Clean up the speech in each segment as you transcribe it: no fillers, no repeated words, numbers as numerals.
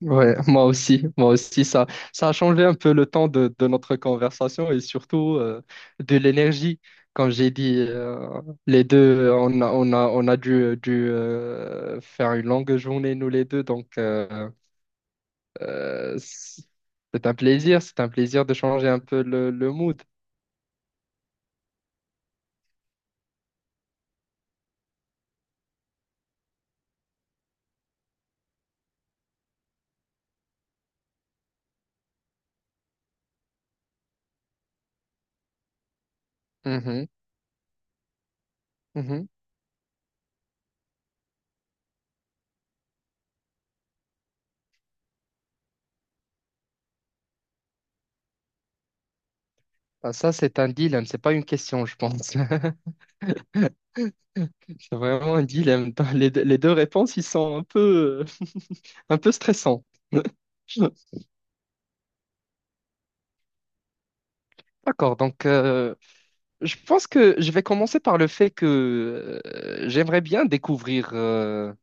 Ouais, moi aussi, ça a changé un peu le temps de notre conversation et surtout de l'énergie. Comme j'ai dit, les deux, on a dû faire une longue journée, nous les deux. Donc, euh, c'est un plaisir de changer un peu le mood. Mhm, mhm. Ah, ça, c'est un dilemme, c'est pas une question, je pense. C'est vraiment un dilemme. Les deux réponses, ils sont un peu stressants. D'accord, donc je pense que je vais commencer par le fait que j'aimerais bien découvrir, euh,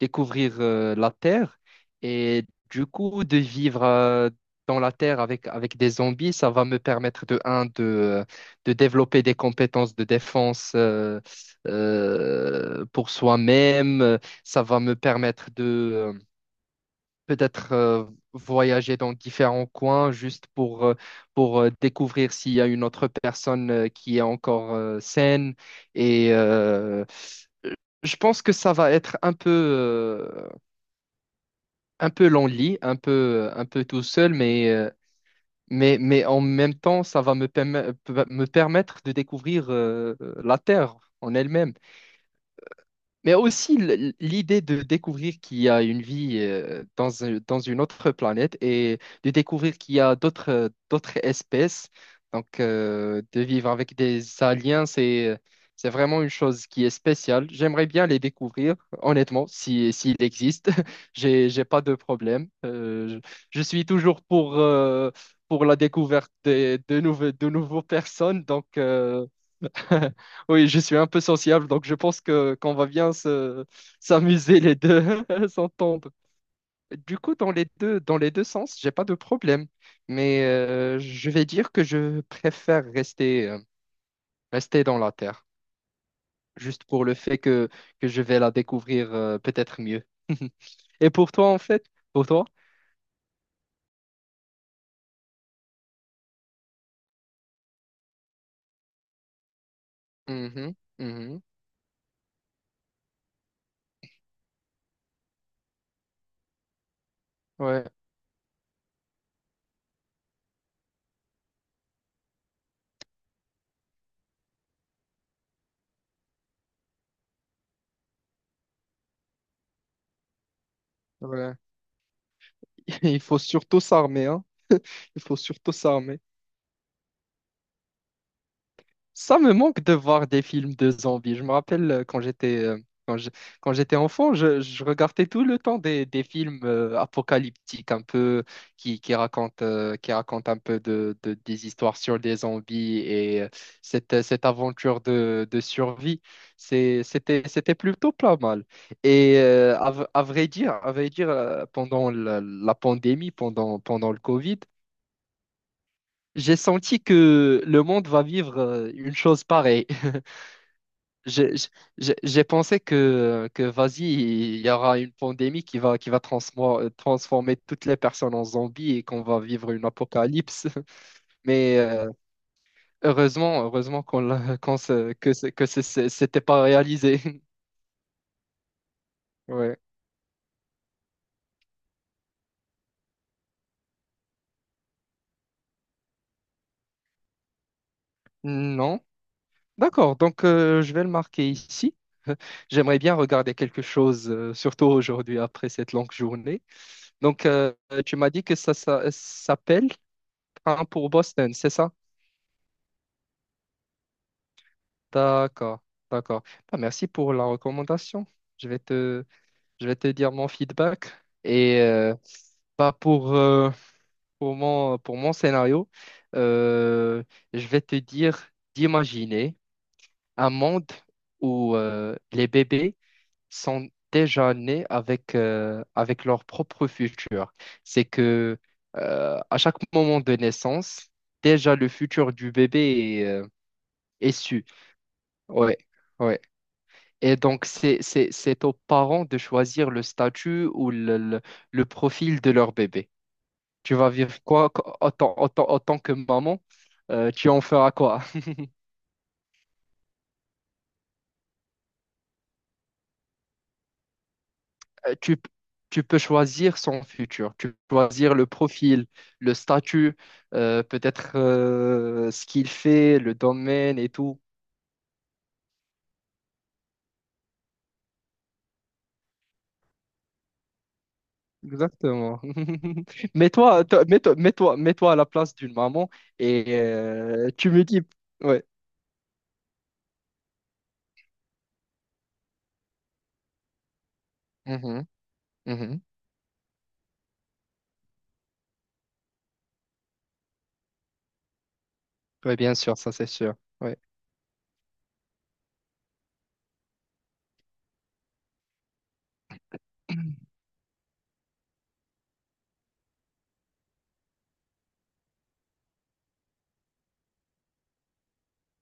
découvrir euh, la Terre et du coup de vivre dans la Terre avec, avec des zombies, ça va me permettre de, un, de développer des compétences de défense pour soi-même, ça va me permettre de peut-être voyager dans différents coins juste pour découvrir s'il y a une autre personne qui est encore saine. Et je pense que ça va être un peu lonely, un peu tout seul, mais en même temps, ça va me, me permettre de découvrir la Terre en elle-même. Mais aussi l'idée de découvrir qu'il y a une vie dans, dans une autre planète et de découvrir qu'il y a d'autres espèces. Donc, de vivre avec des aliens, c'est vraiment une chose qui est spéciale. J'aimerais bien les découvrir, honnêtement, si s'ils existent. J'ai pas de problème. Je suis toujours pour la découverte de nouveaux personnes. Donc, Oui, je suis un peu sociable, donc je pense que qu'on va bien se s'amuser les deux, s'entendre. Du coup, dans les deux sens, j'ai pas de problème, mais je vais dire que je préfère rester rester dans la terre, juste pour le fait que je vais la découvrir peut-être mieux. Et pour toi, en fait, pour toi? Mhm, mhm, ouais, ouais. Il faut surtout s'armer, hein. Il faut surtout s'armer. Ça me manque de voir des films de zombies. Je me rappelle quand je- quand j'étais enfant, je regardais tout le temps des films apocalyptiques un peu qui, qui racontent un peu des histoires sur des zombies et cette, cette aventure de survie. C'était plutôt pas mal. Et à vrai dire pendant la pandémie, pendant le Covid, j'ai senti que le monde va vivre une chose pareille. J'ai j'ai pensé que vas-y, il y aura une pandémie qui va transformer toutes les personnes en zombies et qu'on va vivre une apocalypse. Mais heureusement, heureusement qu'on l'a- qu'on se- que ce- ce- c'était pas réalisé. Ouais. Non. D'accord, donc je vais le marquer ici. J'aimerais bien regarder quelque chose, surtout aujourd'hui après cette longue journée. Donc, tu m'as dit que ça s'appelle Train pour Boston, c'est ça? D'accord, d'accord. Bah, merci pour la recommandation. Je vais te, je vais te dire mon feedback. Et bah, pour mon scénario, euh, je vais te dire d'imaginer un monde où les bébés sont déjà nés avec, avec leur propre futur. C'est que à chaque moment de naissance, déjà le futur du bébé est, est su. Ouais, ouais. Et donc, c'est aux parents de choisir le statut ou le profil de leur bébé. Tu vas vivre quoi en tant que maman? Tu en feras quoi? Euh, Tu, Tu peux choisir son futur. Tu peux choisir le profil, le statut, peut-être ce qu'il fait, le domaine et tout. Exactement. Mets-toi, toi- mets-toi, mets-toi, Mets-toi à la place d'une maman et tu me dis... Ouais. Mhm, mhm. Oui, bien sûr, ça c'est sûr. Ouais.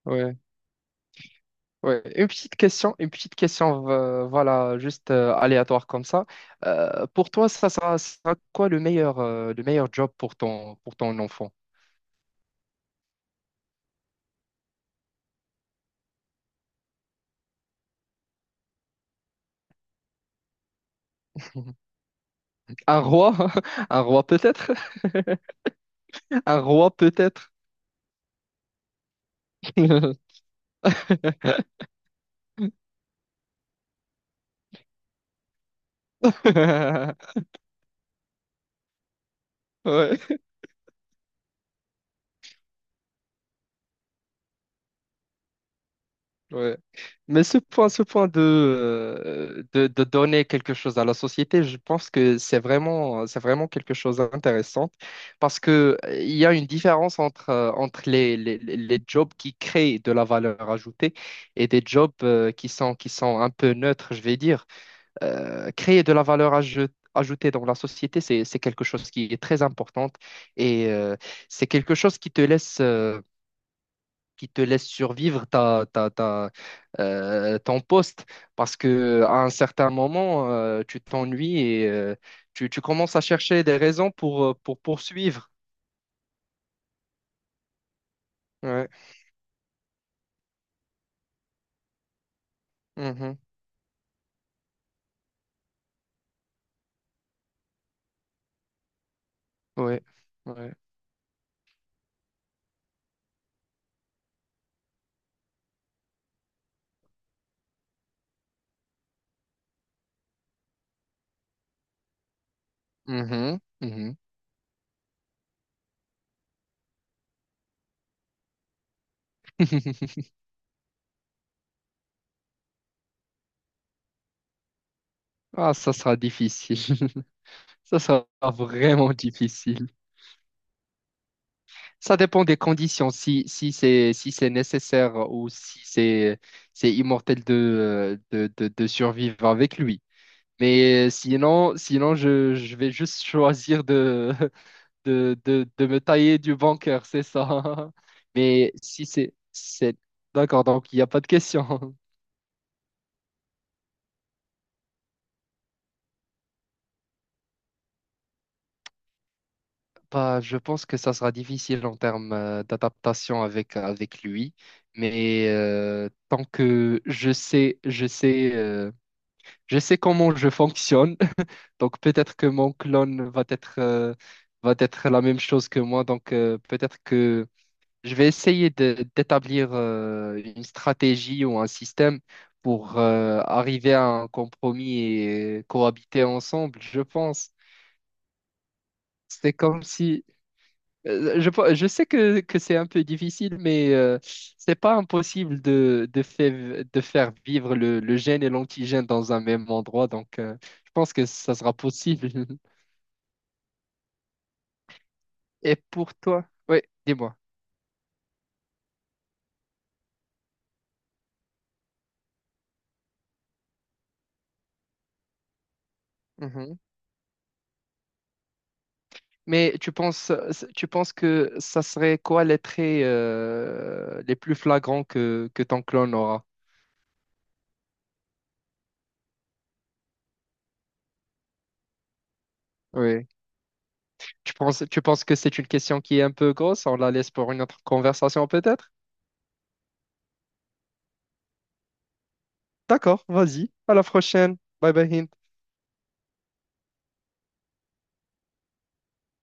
Ouais, ouais. Une petite question, voilà, juste aléatoire comme ça. Pour toi, ça sera quoi le meilleur job pour ton enfant? Un roi? Un roi peut-être? Un roi peut-être? Ouais. Ouais. Mais ce point de donner quelque chose à la société, je pense que c'est vraiment quelque chose d'intéressant parce que il y a une différence entre, entre les jobs qui créent de la valeur ajoutée et des jobs qui sont un peu neutres, je vais dire. Créer de la valeur ajoutée dans la société, c'est quelque chose qui est très importante et c'est quelque chose qui te laisse survivre ton poste parce que à un certain moment, tu t'ennuies et tu commences à chercher des raisons pour poursuivre. Ouais. Mhm. Ouais. Ouais. Mhm. Mhm. Ah, ça sera difficile. Ça sera vraiment difficile. Ça dépend des conditions. Si, si c'est nécessaire ou si c'est immortel de survivre avec lui. Mais sinon, je vais juste choisir de, de me tailler du bancaire, c'est ça. Mais si c'est, c'est... D'accord, donc il n'y a pas de question. Bah, je pense que ça sera difficile en termes d'adaptation avec, avec lui. Mais tant que je sais comment je fonctionne, donc peut-être que mon clone va être la même chose que moi. Donc peut-être que je vais essayer d'établir une stratégie ou un système pour arriver à un compromis et cohabiter ensemble, je pense. C'est comme si... Je sais que c'est un peu difficile, mais c'est pas impossible de faire vivre le gène et l'antigène dans un même endroit. Donc, je pense que ça sera possible. Et pour toi? Oui, dis-moi. Mais tu penses que ça serait quoi les traits les plus flagrants que ton clone aura? Oui. Tu penses que c'est une question qui est un peu grosse? On la laisse pour une autre conversation peut-être? D'accord, vas-y. À la prochaine. Bye bye, Hind.